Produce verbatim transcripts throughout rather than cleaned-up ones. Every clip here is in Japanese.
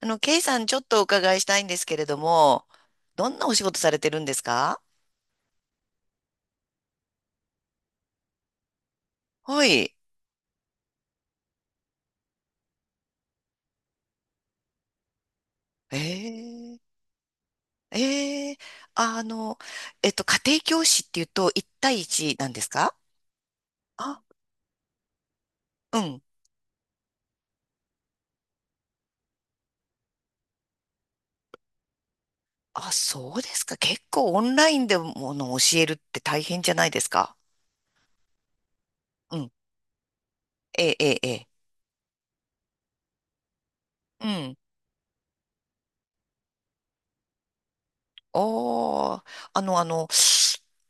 あの、ケイさん、ちょっとお伺いしたいんですけれども、どんなお仕事されてるんですか？はい。ええええ。あの、えっと、家庭教師っていうと、いち対いちなんですか？あ、うん。あ、そうですか。結構オンラインでもの教えるって大変じゃないですか？うん。ええええええ。ああ、あの、あの、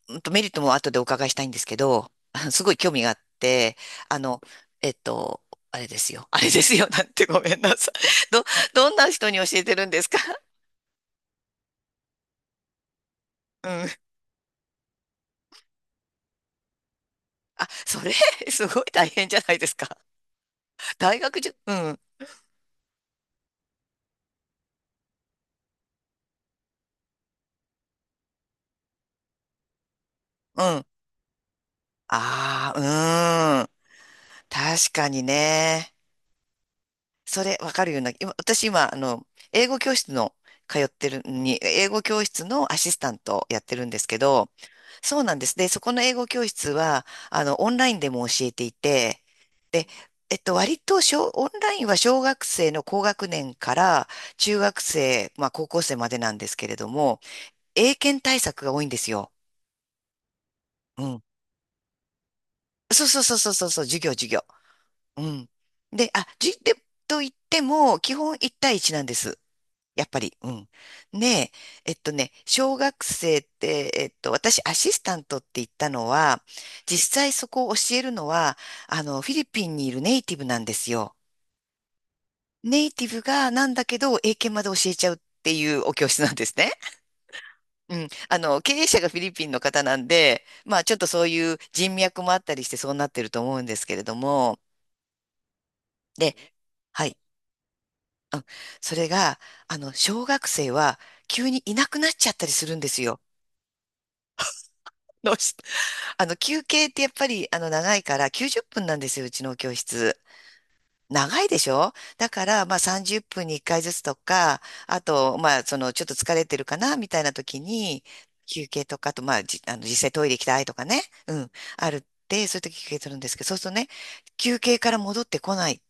うんとメリットも後でお伺いしたいんですけど、すごい興味があって、あの、えっと、あれですよ。あれですよ。なんてごめんなさい。ど、どんな人に教えてるんですか？ うん。あ、それ、すごい大変じゃないですか。大学じゅ、うん、うん。ああ、うん。確かにね。それ、わかるような。今、私今、あの、英語教室の、通ってるに、英語教室のアシスタントをやってるんですけど、そうなんです。で、そこの英語教室は、あの、オンラインでも教えていて、で、えっと、割と小、オンラインは小学生の高学年から中学生、まあ高校生までなんですけれども、英検対策が多いんですよ。うん。そうそうそうそうそうそう、授業、授業。うん。で、あ、じ、で、と言っても、基本いち対いちなんです。やっぱり、うん。ね。え、えっとね、小学生って、えっと、私、アシスタントって言ったのは、実際そこを教えるのは、あの、フィリピンにいるネイティブなんですよ。ネイティブがなんだけど、英検まで教えちゃうっていうお教室なんですね。うん。あの、経営者がフィリピンの方なんで、まあ、ちょっとそういう人脈もあったりしてそうなってると思うんですけれども、で、はい。それが、あの、小学生は急にいなくなっちゃったりするんですよ。どうして？あの、休憩ってやっぱり、あの、長いから、きゅうじゅっぷんなんですよ、うちの教室。長いでしょ？だから、まあ、さんじゅっぷんにいっかいずつとか、あと、まあ、その、ちょっと疲れてるかな、みたいな時に、休憩とか、あと、まあ、じ、あの、実際トイレ行きたいとかね、うん、あるって、そういう時休憩するんですけど、そうするとね、休憩から戻ってこないっ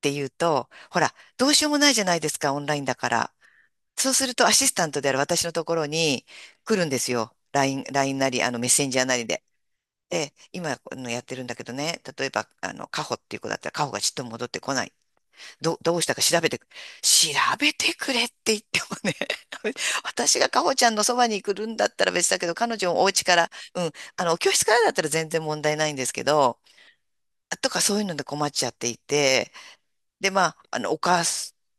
ていうと、ほら、どうしようもないじゃないですか、オンラインだから。そうすると、アシスタントである私のところに来るんですよ。ライン、ラインなり、あの、メッセンジャーなりで。ええ、今あのやってるんだけどね、例えば、あの、カホっていう子だったら、カホがちっとも戻ってこない。ど、どうしたか調べてく、調べてくれって言ってもね、私がカホちゃんのそばに来るんだったら別だけど、彼女もお家から、うん、あの、教室からだったら全然問題ないんですけど、とかそういうので困っちゃっていて、で、まあ、あの、お母さん、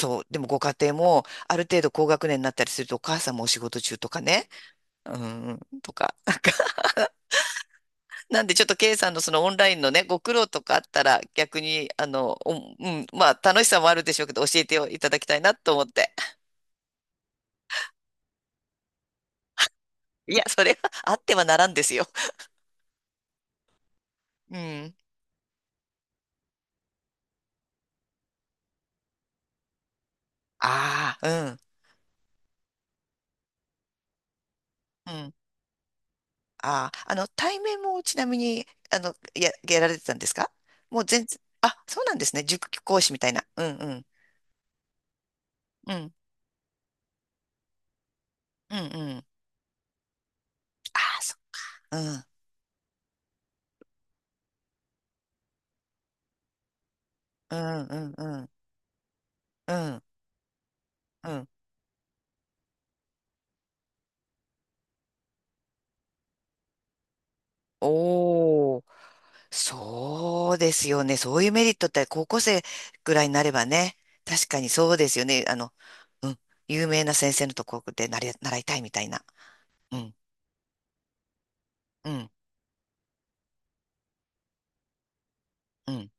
そう、でもご家庭も、ある程度高学年になったりすると、お母さんもお仕事中とかね、うん、とか、なんでちょっと K さんのそのオンラインのね、ご苦労とかあったら逆に、あの、おうん、まあ楽しさもあるでしょうけど教えていただきたいなと思って。いや、それはあってはならんですよ。うん。ああ、うん、うん。ああ、あの、対面もちなみに、あの、や、やられてたんですか？もう全然、あ、そうなんですね。塾講師みたいな。うん、うん、うん、うん、うん。ああ、そう。うん、うん、うん、うん、うん、うん。おー。そうですよね。そういうメリットって高校生ぐらいになればね。確かにそうですよね。あの、うん。有名な先生のところでなれ習いたいみたいな。うん。うん。うん。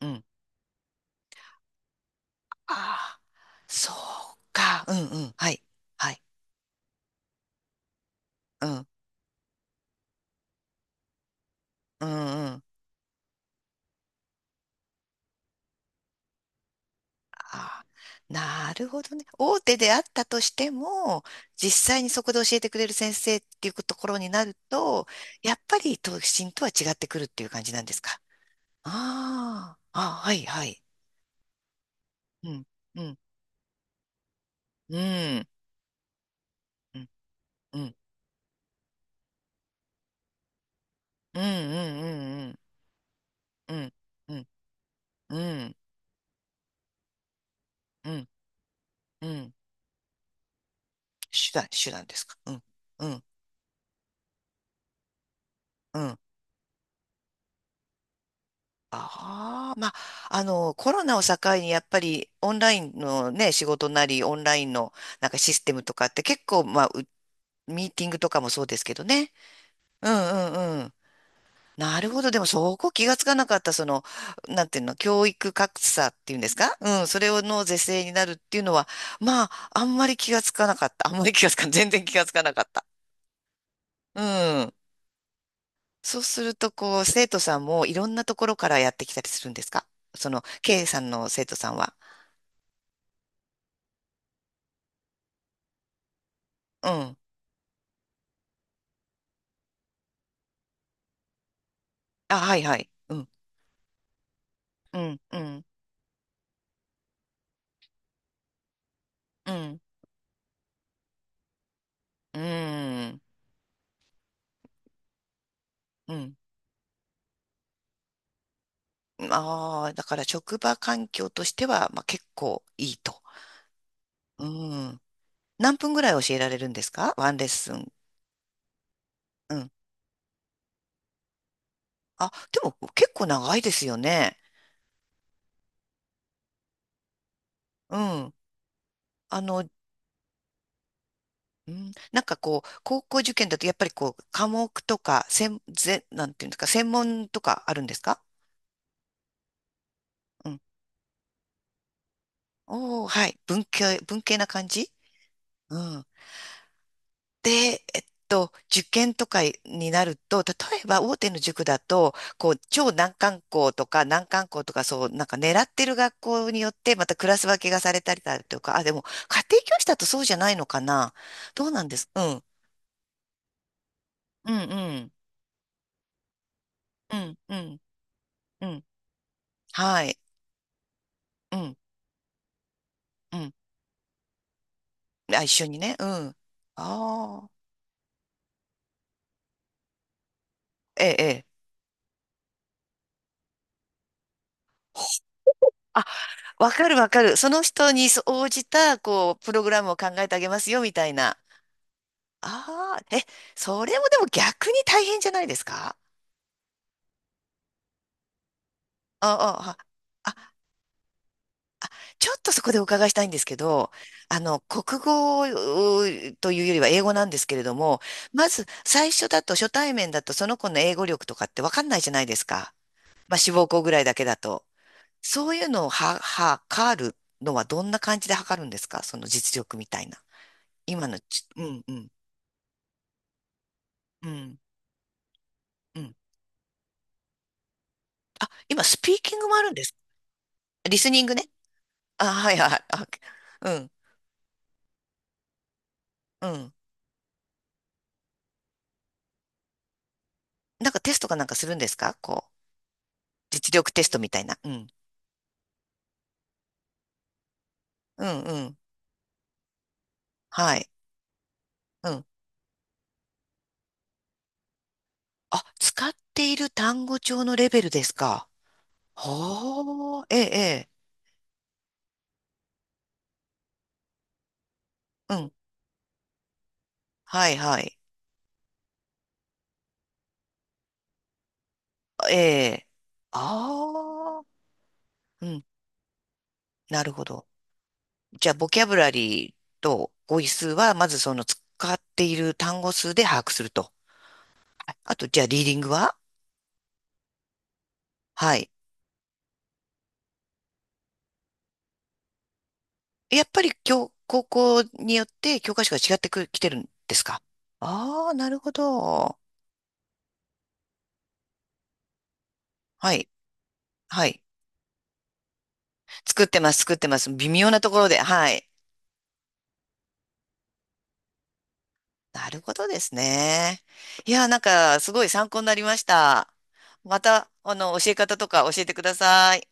うん。ああ、そうか。うんうん。はい。はい。うん。うんうん。ああ、なるほどね。大手であったとしても、実際にそこで教えてくれる先生っていうところになると、やっぱり都心とは違ってくるっていう感じなんですか。ああ、あ、はい、はい。うん、うん、うん、うん、うん、うん、うん、うん、うん、うん、うん、うん、手段、手段ですか。うん、うん、うん。ああ、まあ、あの、コロナを境に、やっぱり、オンラインのね、仕事なり、オンラインの、なんかシステムとかって結構、まあ、うミーティングとかもそうですけどね。うん、うん、うん。なるほど。でもそこ気がつかなかった、その、なんていうの、教育格差っていうんですか？うん、それをの是正になるっていうのは、まあ、あんまり気がつかなかった。あんまり気がつか、全然気がつかなかった。うん。そうすると、こう、生徒さんもいろんなところからやってきたりするんですか？その、K さんの生徒さんは。うん。あ、はいはい。うん。うん、うん、うん、うん、うん。ああー、だから職場環境としては、まあ結構いいと。うん。何分ぐらい教えられるんですか？ワンレッスン。うん。あ、でも結構長いですよね。うん。あの、うん、なんかこう、高校受験だとやっぱりこう、科目とか、専、ぜ、なんていうんですか、専門とかあるんですか？うん。おー、はい。文系、文系な感じ。うん。で、えっと、受験とかになると、例えば大手の塾だと、こう、超難関校とか難関校とか、そう、なんか狙ってる学校によって、またクラス分けがされたりだとか、あ、でも、家庭教師だとそうじゃないのかな。どうなんです？うん、うん、うん、うん、うん、うん、はい、うん、うん。あ、一緒にね、うん。ああ、ええ、ええ。あ、わかるわかる。その人に応じた、こう、プログラムを考えてあげますよ、みたいな。ああ、え、それもでも逆に大変じゃないですか？ああ、あ、あちょっとそこでお伺いしたいんですけど、あの、国語うというよりは英語なんですけれども、まず最初だと初対面だとその子の英語力とかってわかんないじゃないですか。まあ、志望校ぐらいだけだと。そういうのをは、測るのはどんな感じで測るんですか？その実力みたいな。今のち、うん、うん、うん、うん。あ、今スピーキングもあるんです。リスニングね。あ、はいはい。あ OK。 うん。うん。なんかテストかなんかするんですか？こう、実力テストみたいな。うん。うん、うん。はい。うん。あ、使っている単語帳のレベルですか？ほー、ええ、ええ。うん。はい、はい。ええ。ああ、うん。なるほど。じゃあ、ボキャブラリーと語彙数は、まずその使っている単語数で把握すると。はい。あと、じゃあ、リーディングは？はい。やっぱり教、高校によって教科書が違ってく、きてるんですか？ああー、なるほど。はい、はい。作ってます、作ってます。微妙なところで、はい。なるほどですね。いや、なんか、すごい参考になりました。また、あの、教え方とか教えてください。